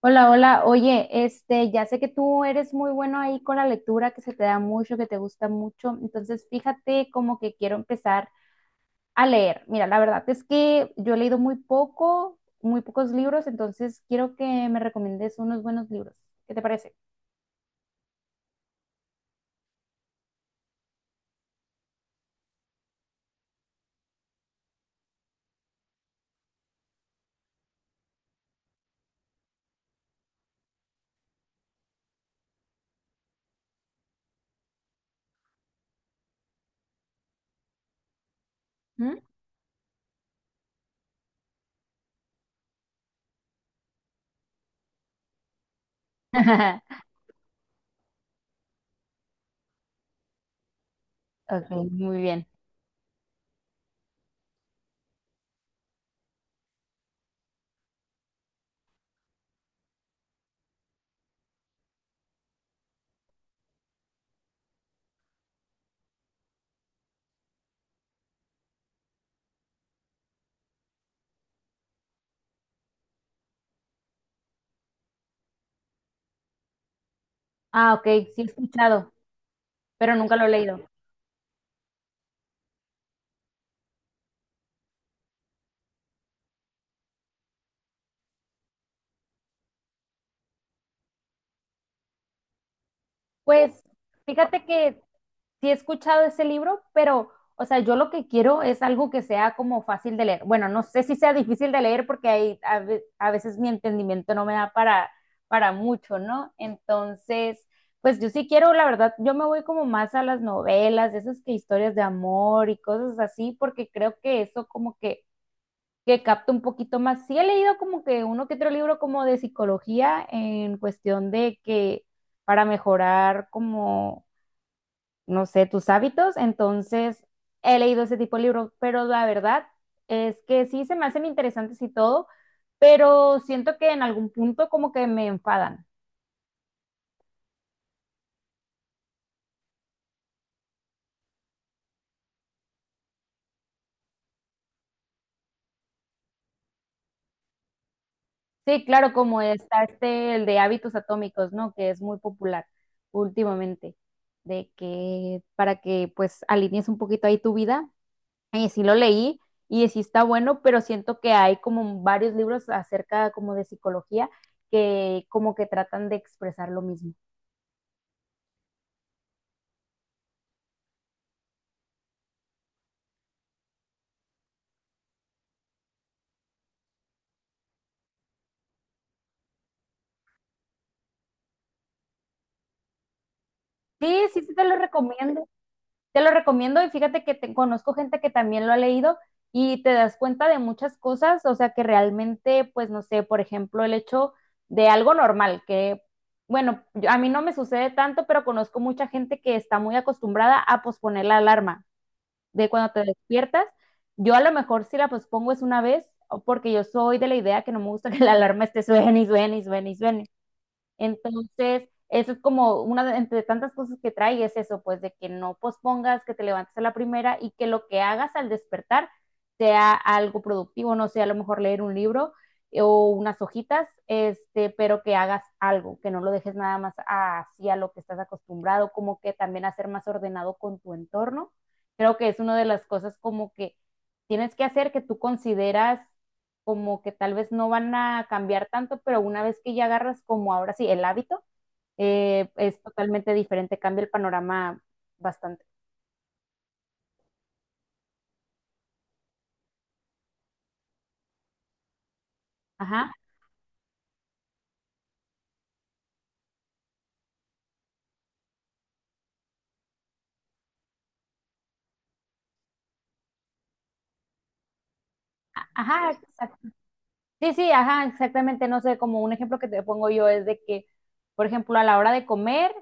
Hola, hola. Oye, este, ya sé que tú eres muy bueno ahí con la lectura, que se te da mucho, que te gusta mucho. Entonces, fíjate como que quiero empezar a leer. Mira, la verdad es que yo he leído muy pocos libros, entonces quiero que me recomiendes unos buenos libros. ¿Qué te parece? ¿Mm? Ok, muy bien. Ah, ok, sí he escuchado, pero nunca lo he leído. Pues fíjate que sí he escuchado ese libro, pero, o sea, yo lo que quiero es algo que sea como fácil de leer. Bueno, no sé si sea difícil de leer porque hay, a veces mi entendimiento no me da para mucho, ¿no? Entonces, pues yo sí quiero, la verdad, yo me voy como más a las novelas, esas que historias de amor y cosas así, porque creo que eso como que capta un poquito más. Sí he leído como que uno que otro libro como de psicología en cuestión de que para mejorar como no sé, tus hábitos. Entonces, he leído ese tipo de libros, pero la verdad es que sí se me hacen interesantes y todo, pero siento que en algún punto como que me enfadan. Sí, claro, como está este, el de hábitos atómicos, ¿no? Que es muy popular últimamente, de que para que pues alinees un poquito ahí tu vida. Y sí lo leí y sí está bueno, pero siento que hay como varios libros acerca como de psicología que como que tratan de expresar lo mismo. Sí, sí, sí, te lo recomiendo. Te lo recomiendo y fíjate que conozco gente que también lo ha leído y te das cuenta de muchas cosas, o sea que realmente, pues no sé, por ejemplo, el hecho de algo normal, que bueno, a mí no me sucede tanto, pero conozco mucha gente que está muy acostumbrada a posponer la alarma de cuando te despiertas. Yo a lo mejor si la pospongo es una vez, o porque yo soy de la idea que no me gusta que la alarma esté suene y suene y suene y suene. Entonces, eso es como una de entre tantas cosas que trae es eso, pues de que no pospongas, que te levantes a la primera y que lo que hagas al despertar sea algo productivo, no sé, a lo mejor leer un libro o unas hojitas, este, pero que hagas algo, que no lo dejes nada más así a lo que estás acostumbrado, como que también hacer más ordenado con tu entorno. Creo que es una de las cosas como que tienes que hacer que tú consideras como que tal vez no van a cambiar tanto, pero una vez que ya agarras como ahora sí el hábito, es totalmente diferente, cambia el panorama bastante. Ajá, ajá, exacto. Sí, sí, ajá, exactamente, no sé, como un ejemplo que te pongo yo es de que, por ejemplo, a la hora de comer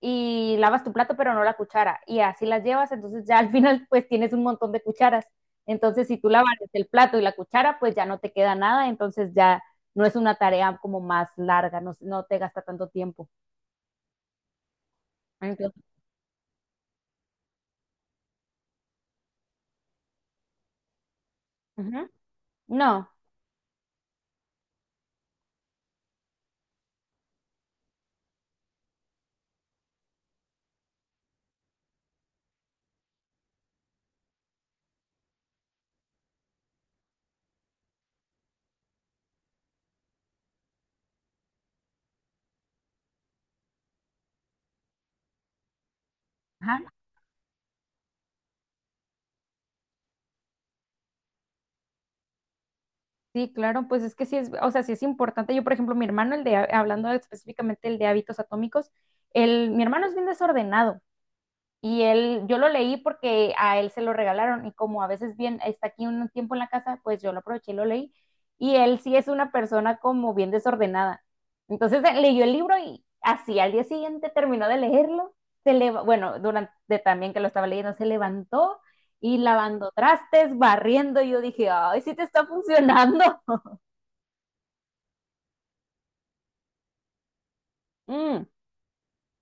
y lavas tu plato pero no la cuchara y así las llevas, entonces ya al final pues tienes un montón de cucharas. Entonces, si tú lavas el plato y la cuchara, pues ya no te queda nada, entonces ya no es una tarea como más larga, no, no te gasta tanto tiempo. Entonces, ujú. No, ajá. Sí, claro, pues es que sí es, o sea, sí es importante. Yo, por ejemplo, mi hermano, hablando específicamente el de hábitos atómicos, mi hermano es bien desordenado. Yo lo leí porque a él se lo regalaron y como a veces bien está aquí un tiempo en la casa, pues yo lo aproveché y lo leí. Y él sí es una persona como bien desordenada. Entonces leyó el libro y así al día siguiente terminó de leerlo. Bueno, durante también que lo estaba leyendo, se levantó y lavando trastes, barriendo. Y yo dije, ay, sí te está funcionando. Mm,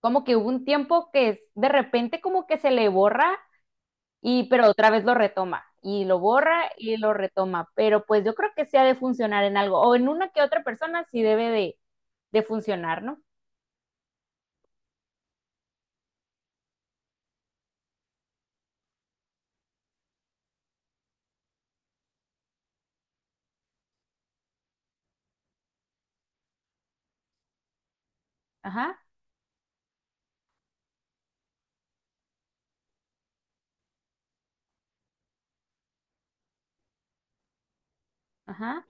Como que hubo un tiempo que de repente como que se le borra y pero otra vez lo retoma y lo borra y lo retoma, pero pues yo creo que sí ha de funcionar en algo o en una que otra persona sí debe de funcionar, ¿no? Ajá, ajá.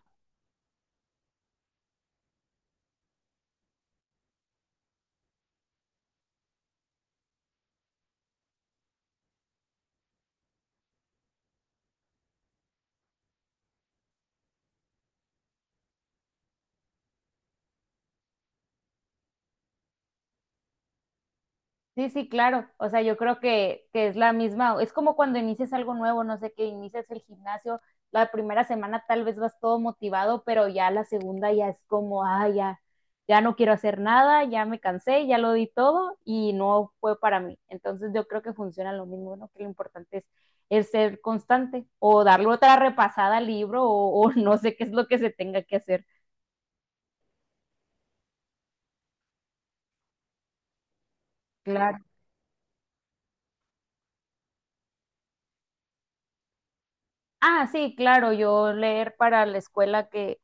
Sí, sí, claro. O sea, yo creo que es la misma, es como cuando inicias algo nuevo, no sé, que inicias el gimnasio, la primera semana tal vez vas todo motivado, pero ya la segunda ya es como, ah, ya, ya no quiero hacer nada, ya me cansé, ya lo di todo y no fue para mí. Entonces yo creo que funciona lo mismo, ¿no? Que lo importante es, ser constante o darle otra repasada al libro o no sé qué es lo que se tenga que hacer. Claro. Ah, sí, claro, yo leer para la escuela que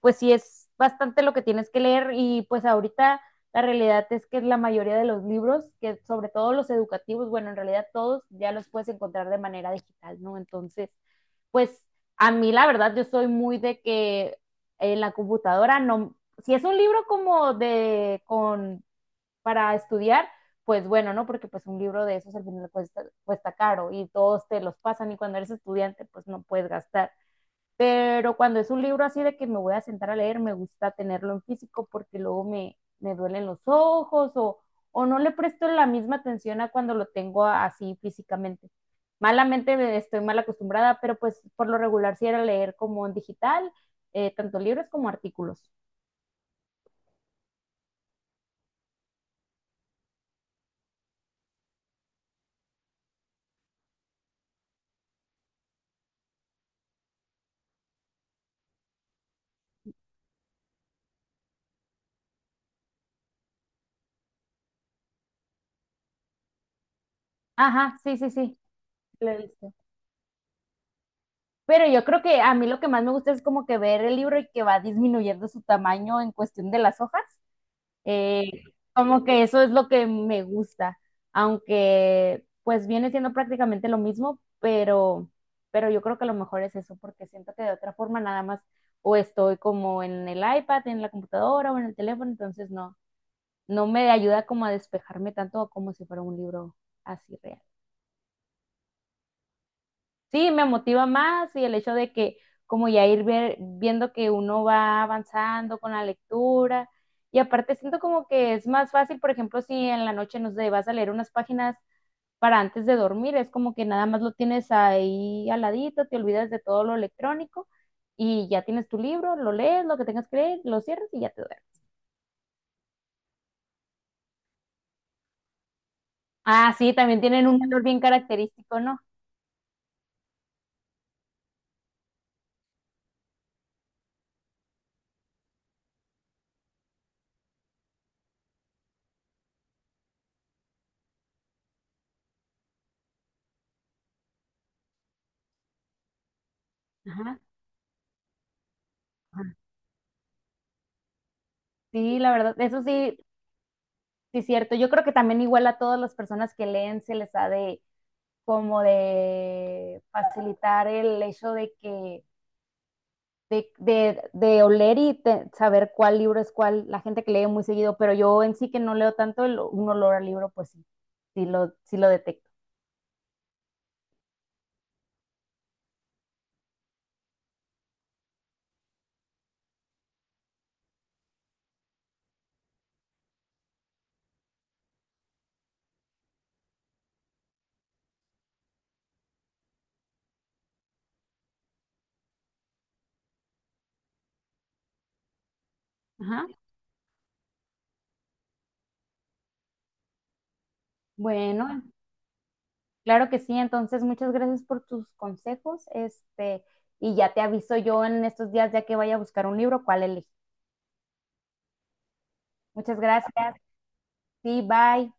pues sí es bastante lo que tienes que leer y pues ahorita la realidad es que la mayoría de los libros, que sobre todo los educativos, bueno, en realidad todos ya los puedes encontrar de manera digital, ¿no? Entonces, pues a mí la verdad yo soy muy de que en la computadora no si es un libro como de con para estudiar pues bueno no porque pues un libro de esos al final cuesta, caro y todos te los pasan y cuando eres estudiante pues no puedes gastar pero cuando es un libro así de que me voy a sentar a leer, me gusta tenerlo en físico porque luego me duelen los ojos o no le presto la misma atención a cuando lo tengo así físicamente. Malamente estoy mal acostumbrada, pero pues por lo regular sí era leer como en digital, tanto libros como artículos. Ajá, sí, sí, sí, lo he visto. Pero yo creo que a mí lo que más me gusta es como que ver el libro y que va disminuyendo su tamaño en cuestión de las hojas. Eh, Como que eso es lo que me gusta, aunque pues viene siendo prácticamente lo mismo, pero, yo creo que lo mejor es eso, porque siento que de otra forma nada más o estoy como en el iPad, en la computadora o en el teléfono, entonces no me ayuda como a despejarme tanto como si fuera un libro así real. Sí, me motiva más y el hecho de que como ya ir viendo que uno va avanzando con la lectura y aparte siento como que es más fácil, por ejemplo, si en la noche, no sé, vas a leer unas páginas para antes de dormir, es como que nada más lo tienes ahí al ladito, te olvidas de todo lo electrónico y ya tienes tu libro, lo lees, lo que tengas que leer, lo cierras y ya te duermes. Ah, sí, también tienen un olor bien característico, ¿no? Ajá. Ajá. Sí, la verdad, eso sí. Sí, cierto. Yo creo que también igual a todas las personas que leen se les ha de como de facilitar el hecho de que de oler y saber cuál libro es cuál, la gente que lee muy seguido, pero yo en sí que no leo tanto un olor al libro, pues sí, sí lo detecto. Ajá. Bueno, claro que sí, entonces muchas gracias por tus consejos, este, y ya te aviso yo en estos días ya que vaya a buscar un libro, cuál elegir. Muchas gracias, sí, bye.